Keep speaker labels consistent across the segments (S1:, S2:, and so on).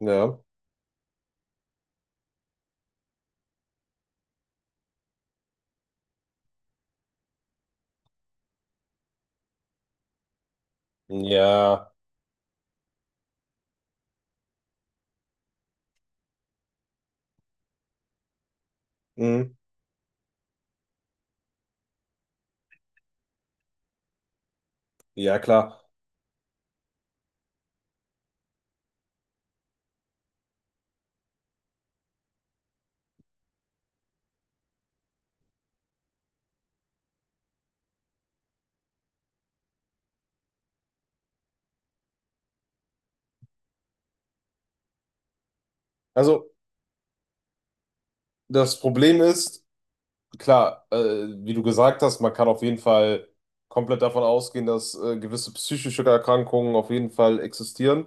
S1: Ja, ja, mhm. Ja, klar. Also, das Problem ist, klar, wie du gesagt hast, man kann auf jeden Fall komplett davon ausgehen, dass gewisse psychische Erkrankungen auf jeden Fall existieren.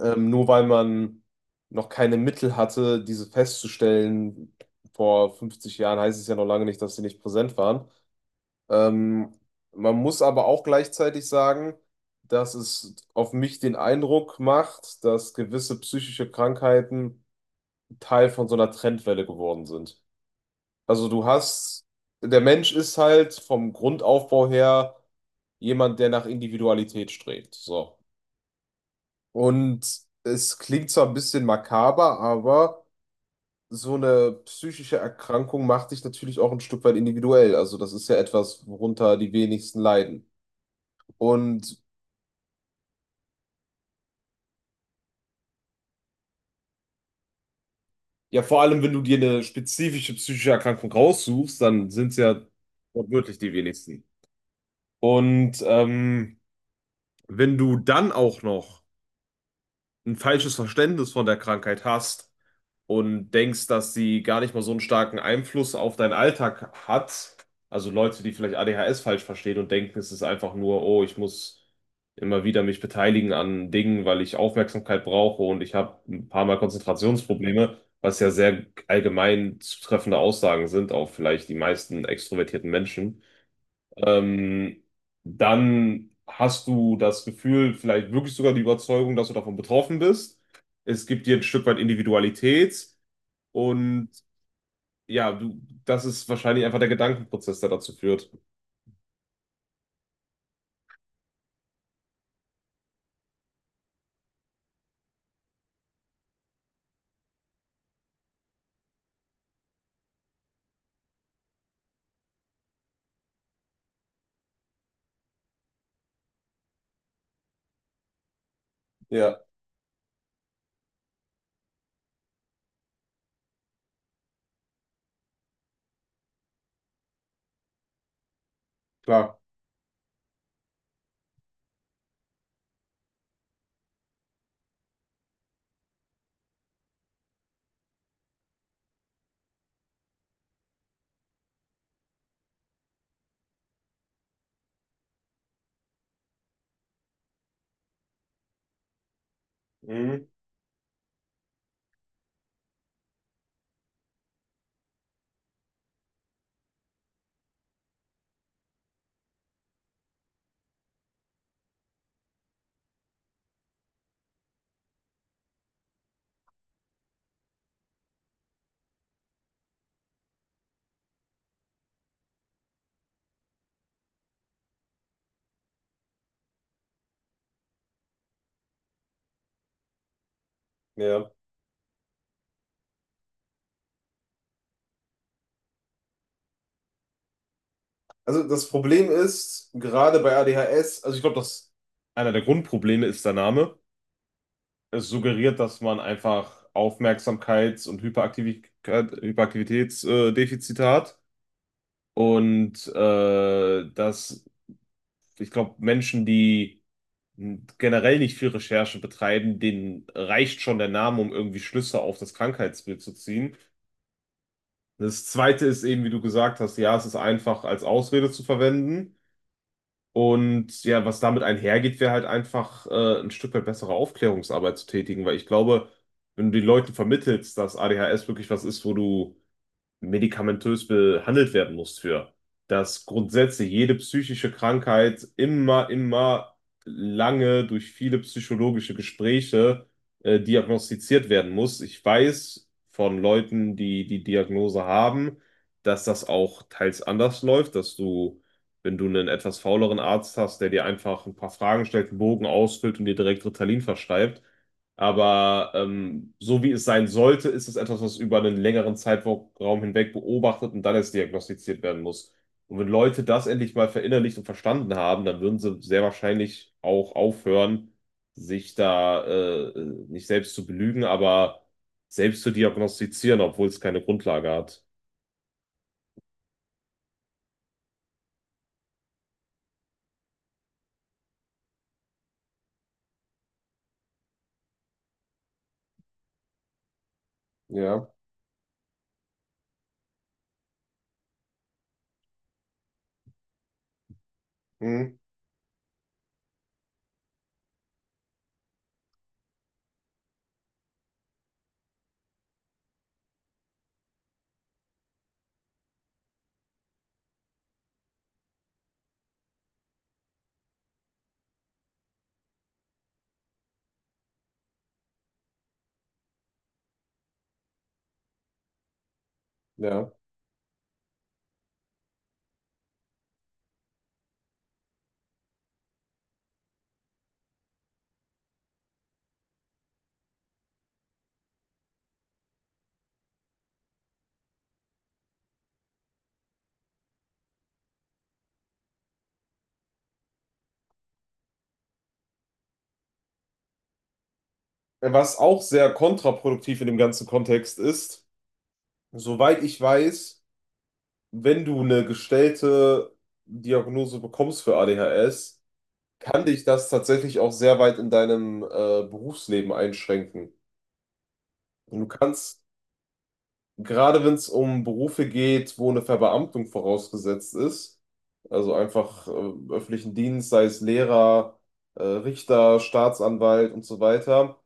S1: Nur weil man noch keine Mittel hatte, diese festzustellen, vor 50 Jahren, heißt es ja noch lange nicht, dass sie nicht präsent waren. Ähm, Man muss aber auch gleichzeitig sagen, dass es auf mich den Eindruck macht, dass gewisse psychische Krankheiten Teil von so einer Trendwelle geworden sind. Also du hast, der Mensch ist halt vom Grundaufbau her jemand, der nach Individualität strebt. So. Und es klingt zwar ein bisschen makaber, aber so eine psychische Erkrankung macht dich natürlich auch ein Stück weit individuell. Also das ist ja etwas, worunter die wenigsten leiden. Und ja, vor allem, wenn du dir eine spezifische psychische Erkrankung raussuchst, dann sind es ja wortwörtlich die wenigsten. Und wenn du dann auch noch ein falsches Verständnis von der Krankheit hast und denkst, dass sie gar nicht mal so einen starken Einfluss auf deinen Alltag hat, also Leute, die vielleicht ADHS falsch verstehen und denken, es ist einfach nur, oh, ich muss immer wieder mich beteiligen an Dingen, weil ich Aufmerksamkeit brauche und ich habe ein paar Mal Konzentrationsprobleme, was ja sehr allgemein zutreffende Aussagen sind auf vielleicht die meisten extrovertierten Menschen. ähm, Dann hast du das Gefühl, vielleicht wirklich sogar die Überzeugung, dass du davon betroffen bist. Es gibt dir ein Stück weit Individualität, und ja, du, das ist wahrscheinlich einfach der Gedankenprozess, der dazu führt. Ja, klar. Mhm, ja. Also das Problem ist, gerade bei ADHS, also ich glaube, dass einer der Grundprobleme ist der Name. Es suggeriert, dass man einfach Aufmerksamkeits- und Hyperaktivität, Hyperaktivitätsdefizite hat. Und dass, ich glaube, Menschen, die generell nicht viel Recherche betreiben, denen reicht schon der Name, um irgendwie Schlüsse auf das Krankheitsbild zu ziehen. Das Zweite ist eben, wie du gesagt hast, ja, es ist einfach als Ausrede zu verwenden. Und ja, was damit einhergeht, wäre halt einfach ein Stück weit bessere Aufklärungsarbeit zu tätigen, weil ich glaube, wenn du den Leuten vermittelst, dass ADHS wirklich was ist, wo du medikamentös behandelt werden muss für. Dass grundsätzlich jede psychische Krankheit immer lange durch viele psychologische Gespräche diagnostiziert werden muss. Ich weiß von Leuten, die die Diagnose haben, dass das auch teils anders läuft, dass du, wenn du einen etwas fauleren Arzt hast, der dir einfach ein paar Fragen stellt, einen Bogen ausfüllt und dir direkt Ritalin verschreibt, aber so wie es sein sollte, ist es etwas, was über einen längeren Zeitraum hinweg beobachtet und dann erst diagnostiziert werden muss. Und wenn Leute das endlich mal verinnerlicht und verstanden haben, dann würden sie sehr wahrscheinlich auch aufhören, sich da nicht selbst zu belügen, aber selbst zu diagnostizieren, obwohl es keine Grundlage hat. Ja, hm, ja. Was auch sehr kontraproduktiv in dem ganzen Kontext ist, soweit ich weiß, wenn du eine gestellte Diagnose bekommst für ADHS, kann dich das tatsächlich auch sehr weit in deinem Berufsleben einschränken. Und du kannst, gerade wenn es um Berufe geht, wo eine Verbeamtung vorausgesetzt ist, also einfach im öffentlichen Dienst, sei es Lehrer, Richter, Staatsanwalt und so weiter,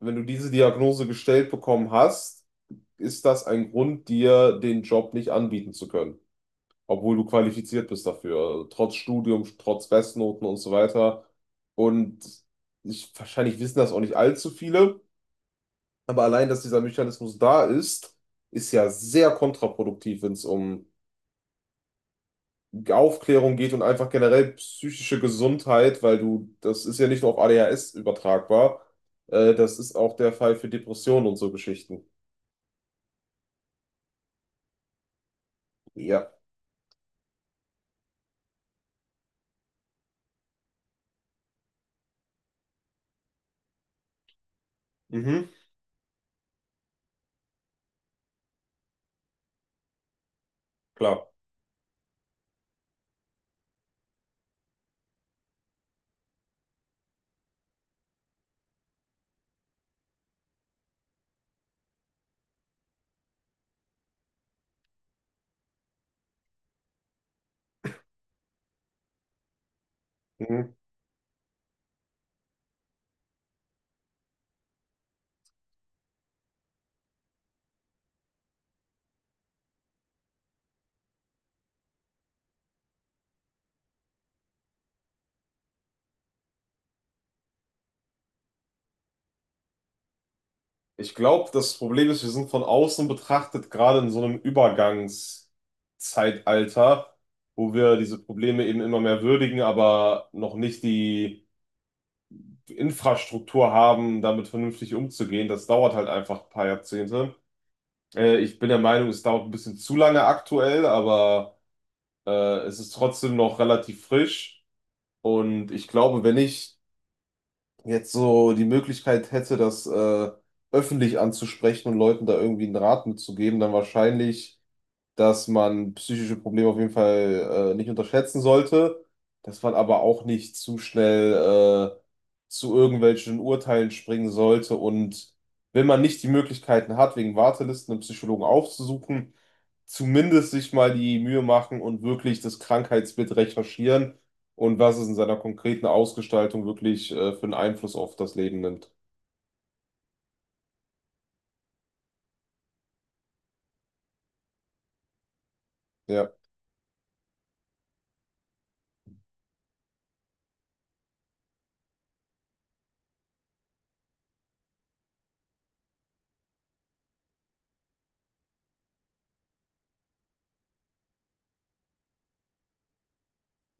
S1: wenn du diese Diagnose gestellt bekommen hast, ist das ein Grund, dir den Job nicht anbieten zu können. Obwohl du qualifiziert bist dafür, trotz Studium, trotz Bestnoten und so weiter. Und ich, wahrscheinlich wissen das auch nicht allzu viele, aber allein, dass dieser Mechanismus da ist, ist ja sehr kontraproduktiv, wenn es um Aufklärung geht und einfach generell psychische Gesundheit, weil du, das ist ja nicht nur auf ADHS übertragbar, das ist auch der Fall für Depressionen und so Geschichten. Ja. Mhm, klar. Mhm. Ich glaube, das Problem ist, wir sind von außen betrachtet gerade in so einem Übergangszeitalter, wo wir diese Probleme eben immer mehr würdigen, aber noch nicht die Infrastruktur haben, damit vernünftig umzugehen. Das dauert halt einfach ein paar Jahrzehnte. Ich bin der Meinung, es dauert ein bisschen zu lange aktuell, aber es ist trotzdem noch relativ frisch. Und ich glaube, wenn ich jetzt so die Möglichkeit hätte, das öffentlich anzusprechen und Leuten da irgendwie einen Rat mitzugeben, dann wahrscheinlich, dass man psychische Probleme auf jeden Fall nicht unterschätzen sollte, dass man aber auch nicht zu schnell zu irgendwelchen Urteilen springen sollte. Und wenn man nicht die Möglichkeiten hat, wegen Wartelisten einen Psychologen aufzusuchen, zumindest sich mal die Mühe machen und wirklich das Krankheitsbild recherchieren und was es in seiner konkreten Ausgestaltung wirklich für einen Einfluss auf das Leben nimmt. Ja,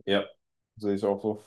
S1: ja, sehe ich auch so.